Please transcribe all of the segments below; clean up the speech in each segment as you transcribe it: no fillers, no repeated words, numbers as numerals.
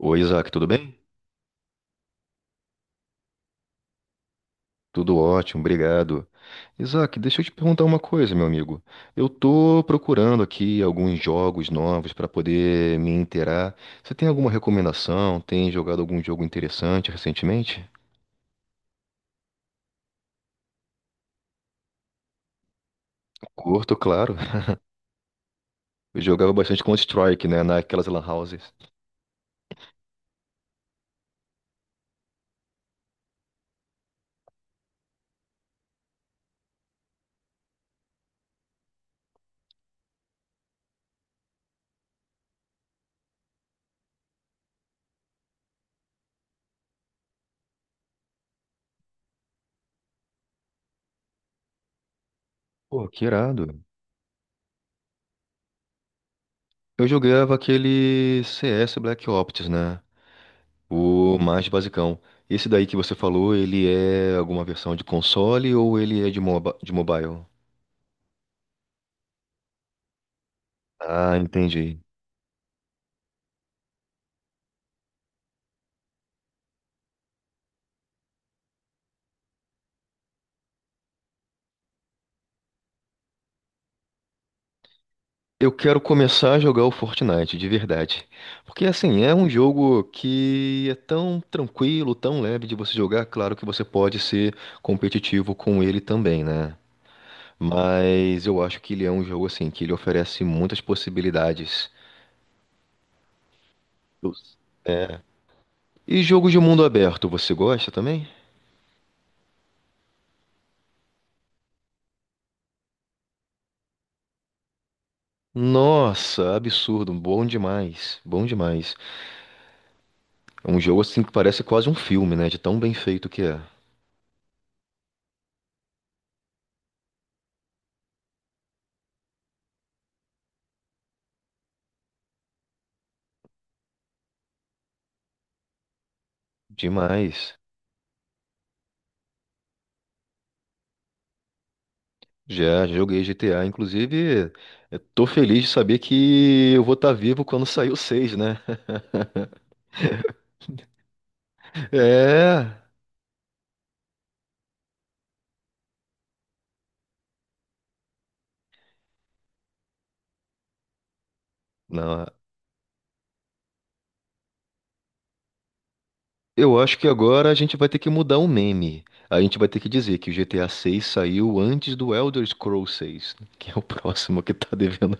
Oi, Isaac, tudo bem? Tudo ótimo, obrigado. Isaac, deixa eu te perguntar uma coisa, meu amigo. Eu tô procurando aqui alguns jogos novos para poder me inteirar. Você tem alguma recomendação? Tem jogado algum jogo interessante recentemente? Curto, claro. Eu jogava bastante Counter-Strike, né, naquelas lan houses. Pô, que irado. Eu jogava aquele CS Black Ops, né? O mais basicão. Esse daí que você falou, ele é alguma versão de console ou ele é de mobile? Ah, entendi. Eu quero começar a jogar o Fortnite, de verdade. Porque, assim, é um jogo que é tão tranquilo, tão leve de você jogar. Claro que você pode ser competitivo com ele também, né? Mas eu acho que ele é um jogo, assim, que ele oferece muitas possibilidades. Eu- É. E jogo de mundo aberto, você gosta também? Nossa, absurdo, bom demais, bom demais. É um jogo, assim, que parece quase um filme, né? De tão bem feito que é. Demais. Já, já joguei GTA. Inclusive, eu tô feliz de saber que eu vou estar vivo quando sair o 6, né? É. Não, eu acho que agora a gente vai ter que mudar o meme. A gente vai ter que dizer que o GTA 6 saiu antes do Elder Scrolls 6, que é o próximo que tá devendo.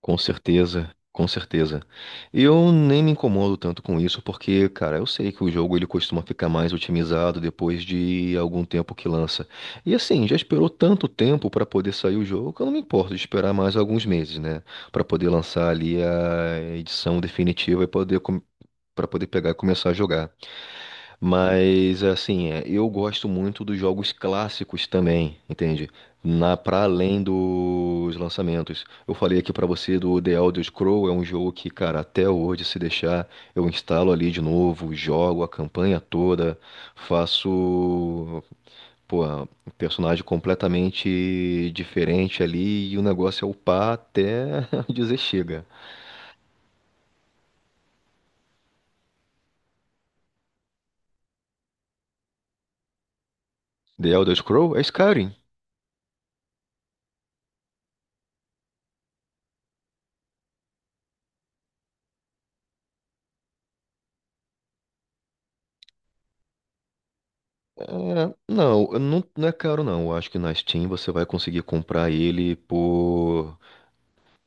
Com certeza, com certeza. Eu nem me incomodo tanto com isso, porque, cara, eu sei que o jogo ele costuma ficar mais otimizado depois de algum tempo que lança. E assim, já esperou tanto tempo para poder sair o jogo, que eu não me importo de esperar mais alguns meses, né, para poder lançar ali a edição definitiva e poder para poder pegar e começar a jogar. Mas assim, é, eu gosto muito dos jogos clássicos também, entende? Na para além dos lançamentos. Eu falei aqui pra você do The Elder Scrolls, é um jogo que, cara, até hoje se deixar, eu instalo ali de novo, jogo a campanha toda, faço, pô, um personagem completamente diferente ali e o negócio é upar até dizer chega. The Elder Scrolls é Skyrim. É, não é caro não. Eu acho que na Steam você vai conseguir comprar ele por.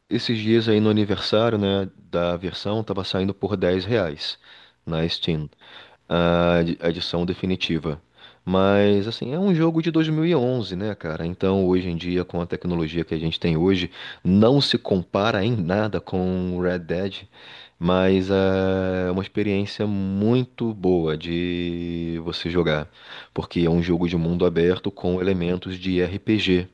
Esses dias aí no aniversário, né, da versão, tava saindo por R$ 10 na Steam, a edição definitiva. Mas, assim, é um jogo de 2011, né, cara? Então, hoje em dia, com a tecnologia que a gente tem hoje, não se compara em nada com Red Dead. Mas é uma experiência muito boa de você jogar, porque é um jogo de mundo aberto com elementos de RPG.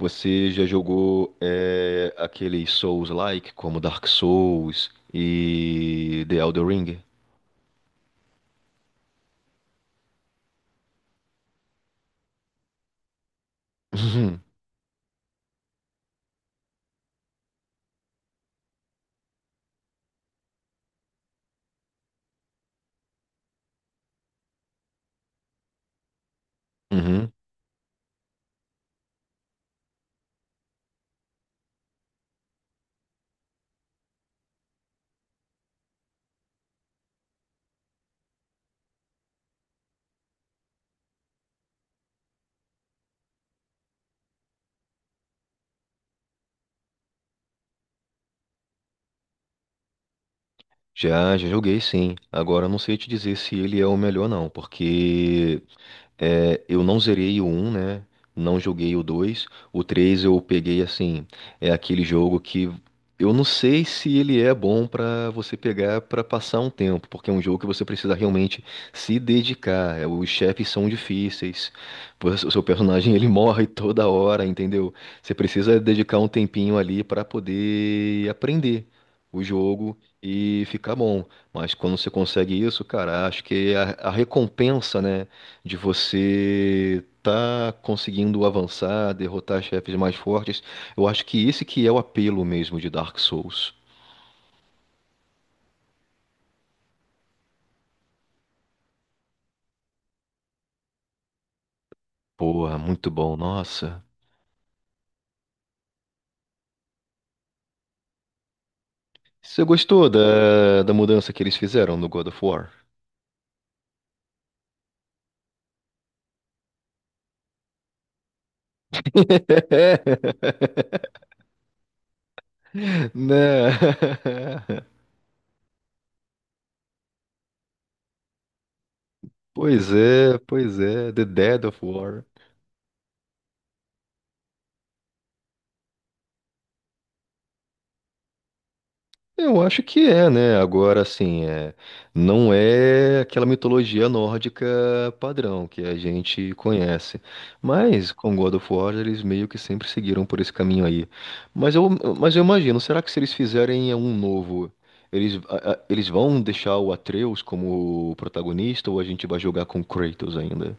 Você já jogou é, aqueles Souls-like, como Dark Souls e The Elden Ring? Uhum. Uhum. Já, já joguei sim. Agora não sei te dizer se ele é o melhor não, porque é, eu não zerei o um né? Não joguei o dois. O 3 eu peguei assim, é aquele jogo que eu não sei se ele é bom pra você pegar pra passar um tempo, porque é um jogo que você precisa realmente se dedicar. É, os chefes são difíceis, pois o seu personagem ele morre toda hora, entendeu? Você precisa dedicar um tempinho ali pra poder aprender o jogo e ficar bom. Mas quando você consegue isso, cara, acho que é a recompensa, né? De você tá conseguindo avançar, derrotar chefes mais fortes. Eu acho que esse que é o apelo mesmo de Dark Souls. Porra, muito bom, nossa. Você gostou da mudança que eles fizeram no God of War? Né? Pois é, The Dead of War. Eu acho que é, né? Agora, assim, é, não é aquela mitologia nórdica padrão que a gente conhece. Mas com God of War eles meio que sempre seguiram por esse caminho aí. Mas eu, mas eu imagino, será que se eles fizerem um novo, eles, eles vão deixar o Atreus como protagonista ou a gente vai jogar com Kratos ainda?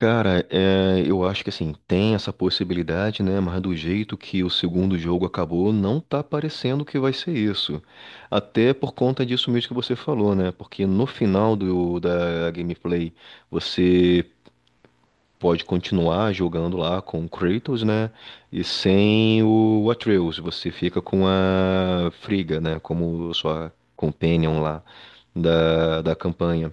Cara, é, eu acho que assim, tem essa possibilidade, né? Mas do jeito que o segundo jogo acabou, não tá parecendo que vai ser isso. Até por conta disso mesmo que você falou, né? Porque no final da gameplay, você pode continuar jogando lá com o Kratos, né? E sem o Atreus, você fica com a Friga, né? Como sua companion lá da campanha.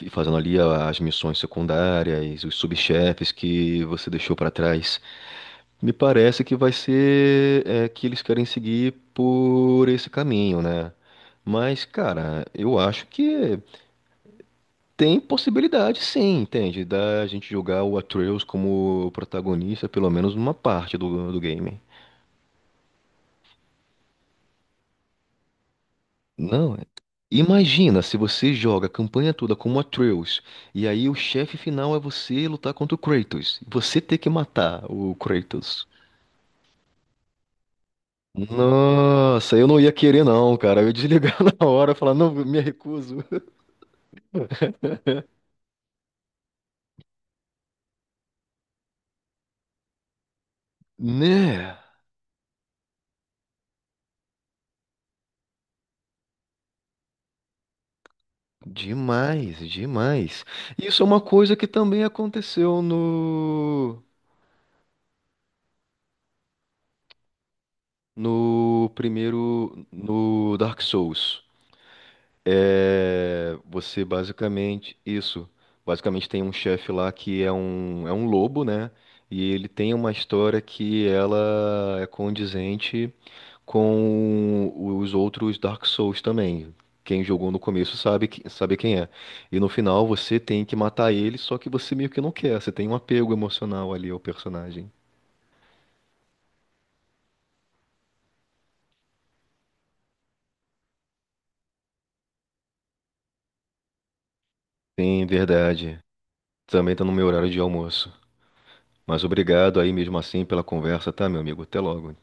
E fazendo ali as missões secundárias, os subchefes que você deixou pra trás. Me parece que vai ser é, que eles querem seguir por esse caminho, né? Mas, cara, eu acho que tem possibilidade, sim, entende? Da gente jogar o Atreus como protagonista, pelo menos numa parte do game. Não, é- imagina se você joga a campanha toda como Atreus, e aí o chefe final é você lutar contra o Kratos, e você ter que matar o Kratos. Nossa, eu não ia querer não, cara. Eu ia desligar na hora, falar, não, me recuso. Né? Demais, demais. Isso é uma coisa que também aconteceu no primeiro no Dark Souls. É, você basicamente, isso, basicamente tem um chefe lá que é é um lobo, né? E ele tem uma história que ela é condizente com os outros Dark Souls também. Quem jogou no começo sabe, sabe quem é. E no final você tem que matar ele, só que você meio que não quer, você tem um apego emocional ali ao personagem. Sim, verdade. Também tá no meu horário de almoço. Mas obrigado aí mesmo assim pela conversa, tá, meu amigo? Até logo.